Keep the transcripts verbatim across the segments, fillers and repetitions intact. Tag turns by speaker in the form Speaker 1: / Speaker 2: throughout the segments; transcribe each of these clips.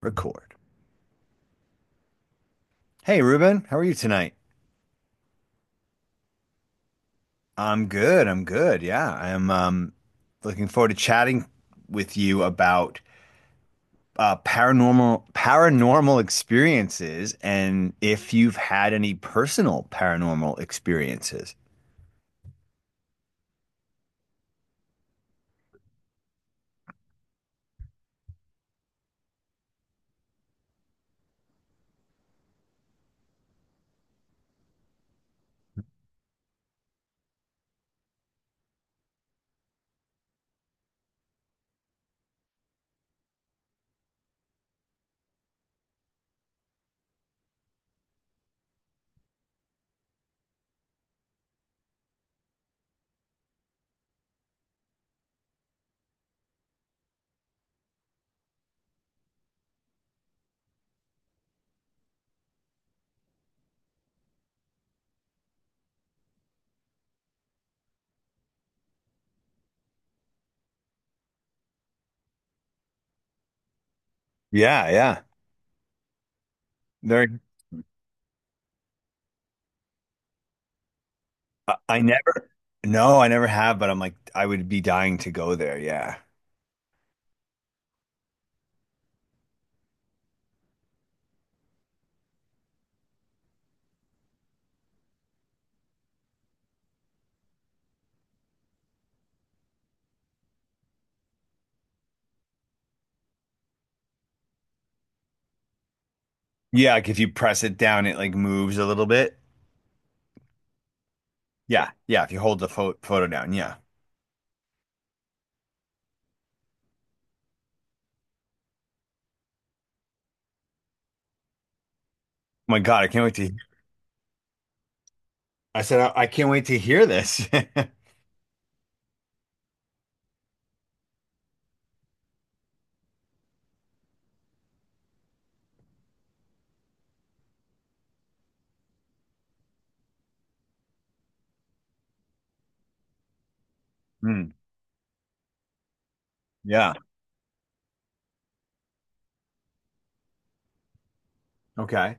Speaker 1: Record. Hey, Ruben, how are you tonight? I'm good. I'm good. Yeah, I am um, looking forward to chatting with you about uh, paranormal paranormal experiences and if you've had any personal paranormal experiences. Yeah, yeah. There, I I never. No, I never have. But I'm like, I would be dying to go there. Yeah. Yeah, like if you press it down, it like moves a little bit. Yeah, yeah. If you hold the pho photo down, yeah. Oh my God, I can't wait to. I said, I, I can't wait to hear this. Hmm. Yeah. Okay.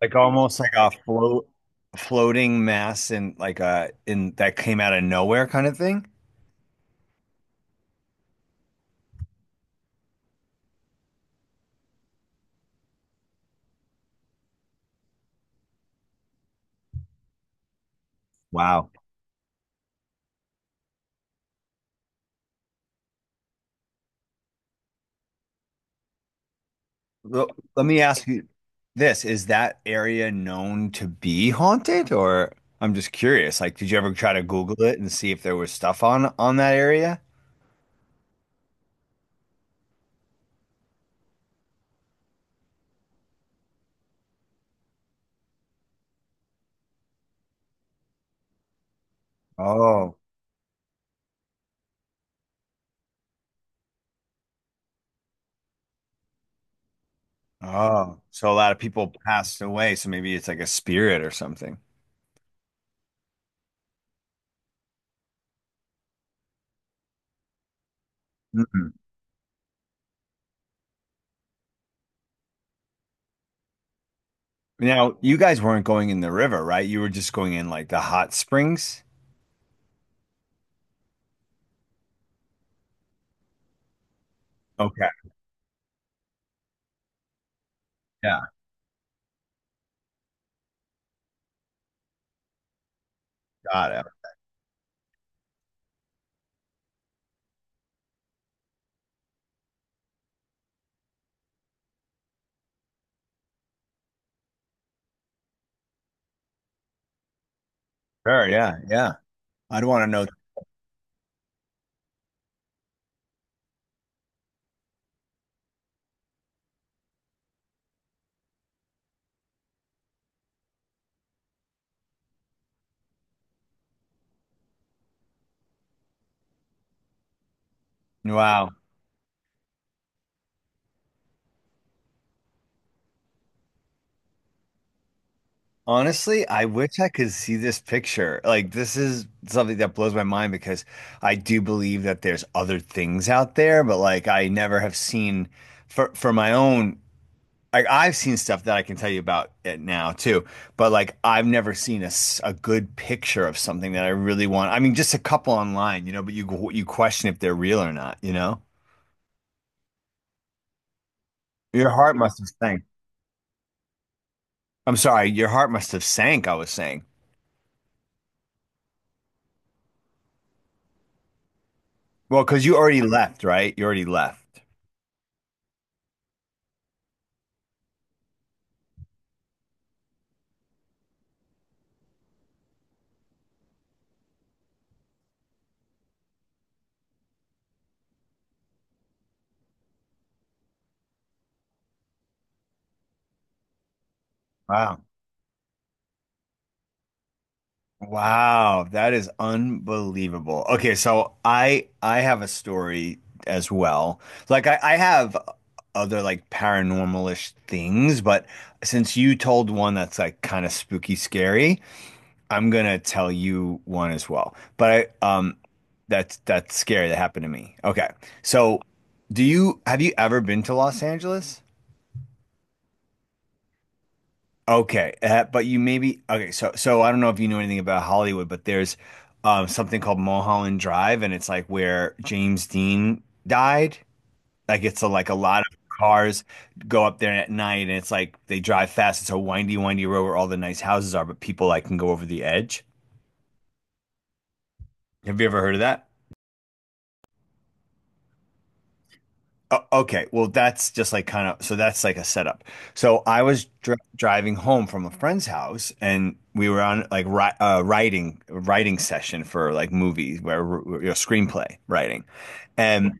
Speaker 1: Like almost like a float floating mass in like a in that came out of nowhere kind of thing. Wow. L- Let me ask you this. Is that area known to be haunted or I'm just curious. Like, did you ever try to Google it and see if there was stuff on on that area? Oh, oh. So a lot of people passed away, so maybe it's like a spirit or something. Mhm. Now, you guys weren't going in the river, right? You were just going in like the hot springs. Okay. Yeah. Got it. Sure. Yeah. Yeah. I'd want to know. Wow. Honestly, I wish I could see this picture. Like, this is something that blows my mind because I do believe that there's other things out there, but like, I never have seen for for my own like I've seen stuff that I can tell you about it now too, but like I've never seen a a good picture of something that I really want. I mean, just a couple online, you know, but you you question if they're real or not, you know? Your heart must have sank. I'm sorry, your heart must have sank, I was saying. Well, because you already left, right? You already left. Wow. Wow, that is unbelievable. Okay, so I I have a story as well. Like I, I have other like paranormalish things, but since you told one that's like kind of spooky scary, I'm gonna tell you one as well. But I um that's that's scary that happened to me. Okay. So do you have you ever been to Los Angeles? Okay, uh, but you maybe okay. So, so I don't know if you know anything about Hollywood, but there's um, something called Mulholland Drive, and it's like where James Dean died. Like it's a, like a lot of cars go up there at night, and it's like they drive fast. It's a windy, windy road where all the nice houses are, but people like can go over the edge. Have you ever heard of that? O- okay, well, that's just like kind of so that's like a setup. So I was dri driving home from a friend's house, and we were on like ri uh, writing writing session for like movies where we're- we're- you know, screenplay writing, and.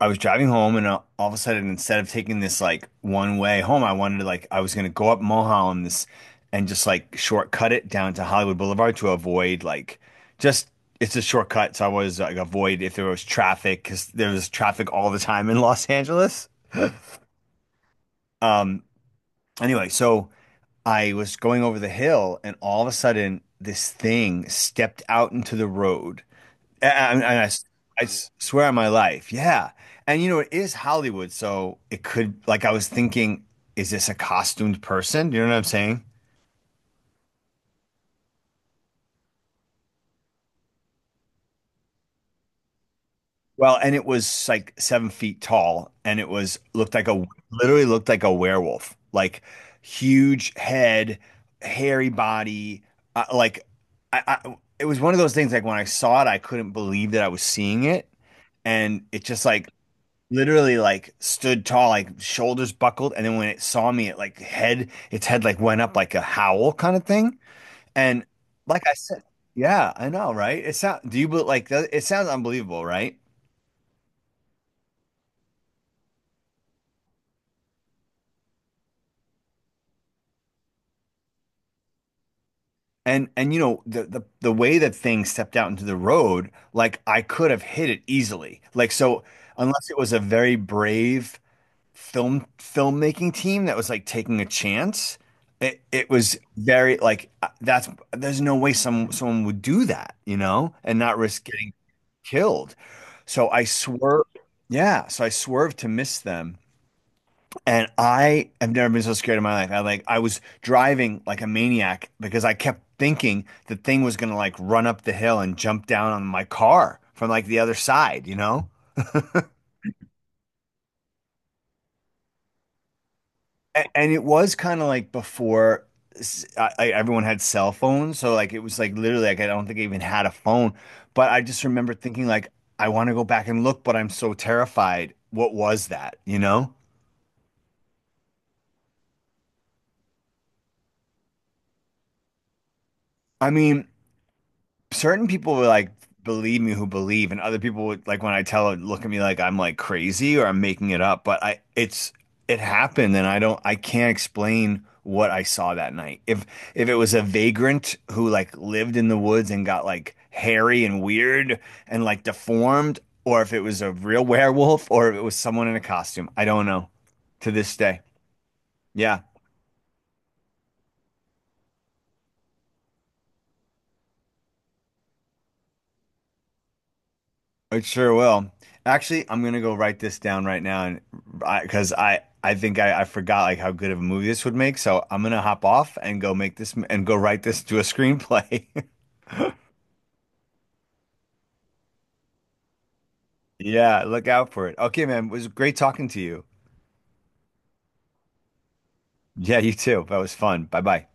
Speaker 1: I was driving home and uh, all of a sudden instead of taking this like one way home, I wanted to like I was gonna go up Mulholland this and just like shortcut it down to Hollywood Boulevard to avoid like just it's a shortcut so I was like avoid if there was traffic because there was traffic all the time in Los Angeles. Um anyway, so I was going over the hill and all of a sudden this thing stepped out into the road and I, I I swear on my life, yeah. And you know, it is Hollywood, so it could, like, I was thinking, is this a costumed person? You know what I'm saying? Well, and it was like seven feet tall, and it was looked like a literally looked like a werewolf, like huge head, hairy body, uh, like I, I. It was one of those things like when I saw it, I couldn't believe that I was seeing it, and it just like literally like stood tall, like shoulders buckled, and then when it saw me, it like head its head like went up like a howl kind of thing. And like I said, yeah, I know, right? It sound do you bel- like that- it sounds unbelievable, right? And and you know the the the way that thing stepped out into the road, like I could have hit it easily. Like so, unless it was a very brave film filmmaking team that was like taking a chance. It it was very like uh, that's there's no way some someone would do that, you know, and not risk getting killed. So I swerved. Yeah, so I swerved to miss them. And I have never been so scared in my life. I like I was driving like a maniac because I kept thinking the thing was gonna like run up the hill and jump down on my car from like the other side, you know? A- And it was kind of like before s- I- I- everyone had cell phones, so like it was like literally like I don't think I even had a phone, but I just remember thinking like I want to go back and look, but I'm so terrified. What was that, you know? I mean, certain people will like believe me who believe, and other people would like when I tell it look at me like I'm like crazy or I'm making it up. But I it's it happened, and I don't I can't explain what I saw that night. If if it was a vagrant who like lived in the woods and got like hairy and weird and like deformed, or if it was a real werewolf, or if it was someone in a costume, I don't know to this day. Yeah. It sure will. Actually, I'm gonna go write this down right now, and I because I I think I, I forgot like how good of a movie this would make. So I'm gonna hop off and go make this m- and go write this to a screenplay. Yeah, look out for it. Okay, man, it was great talking to you. Yeah, you too. That was fun. Bye bye.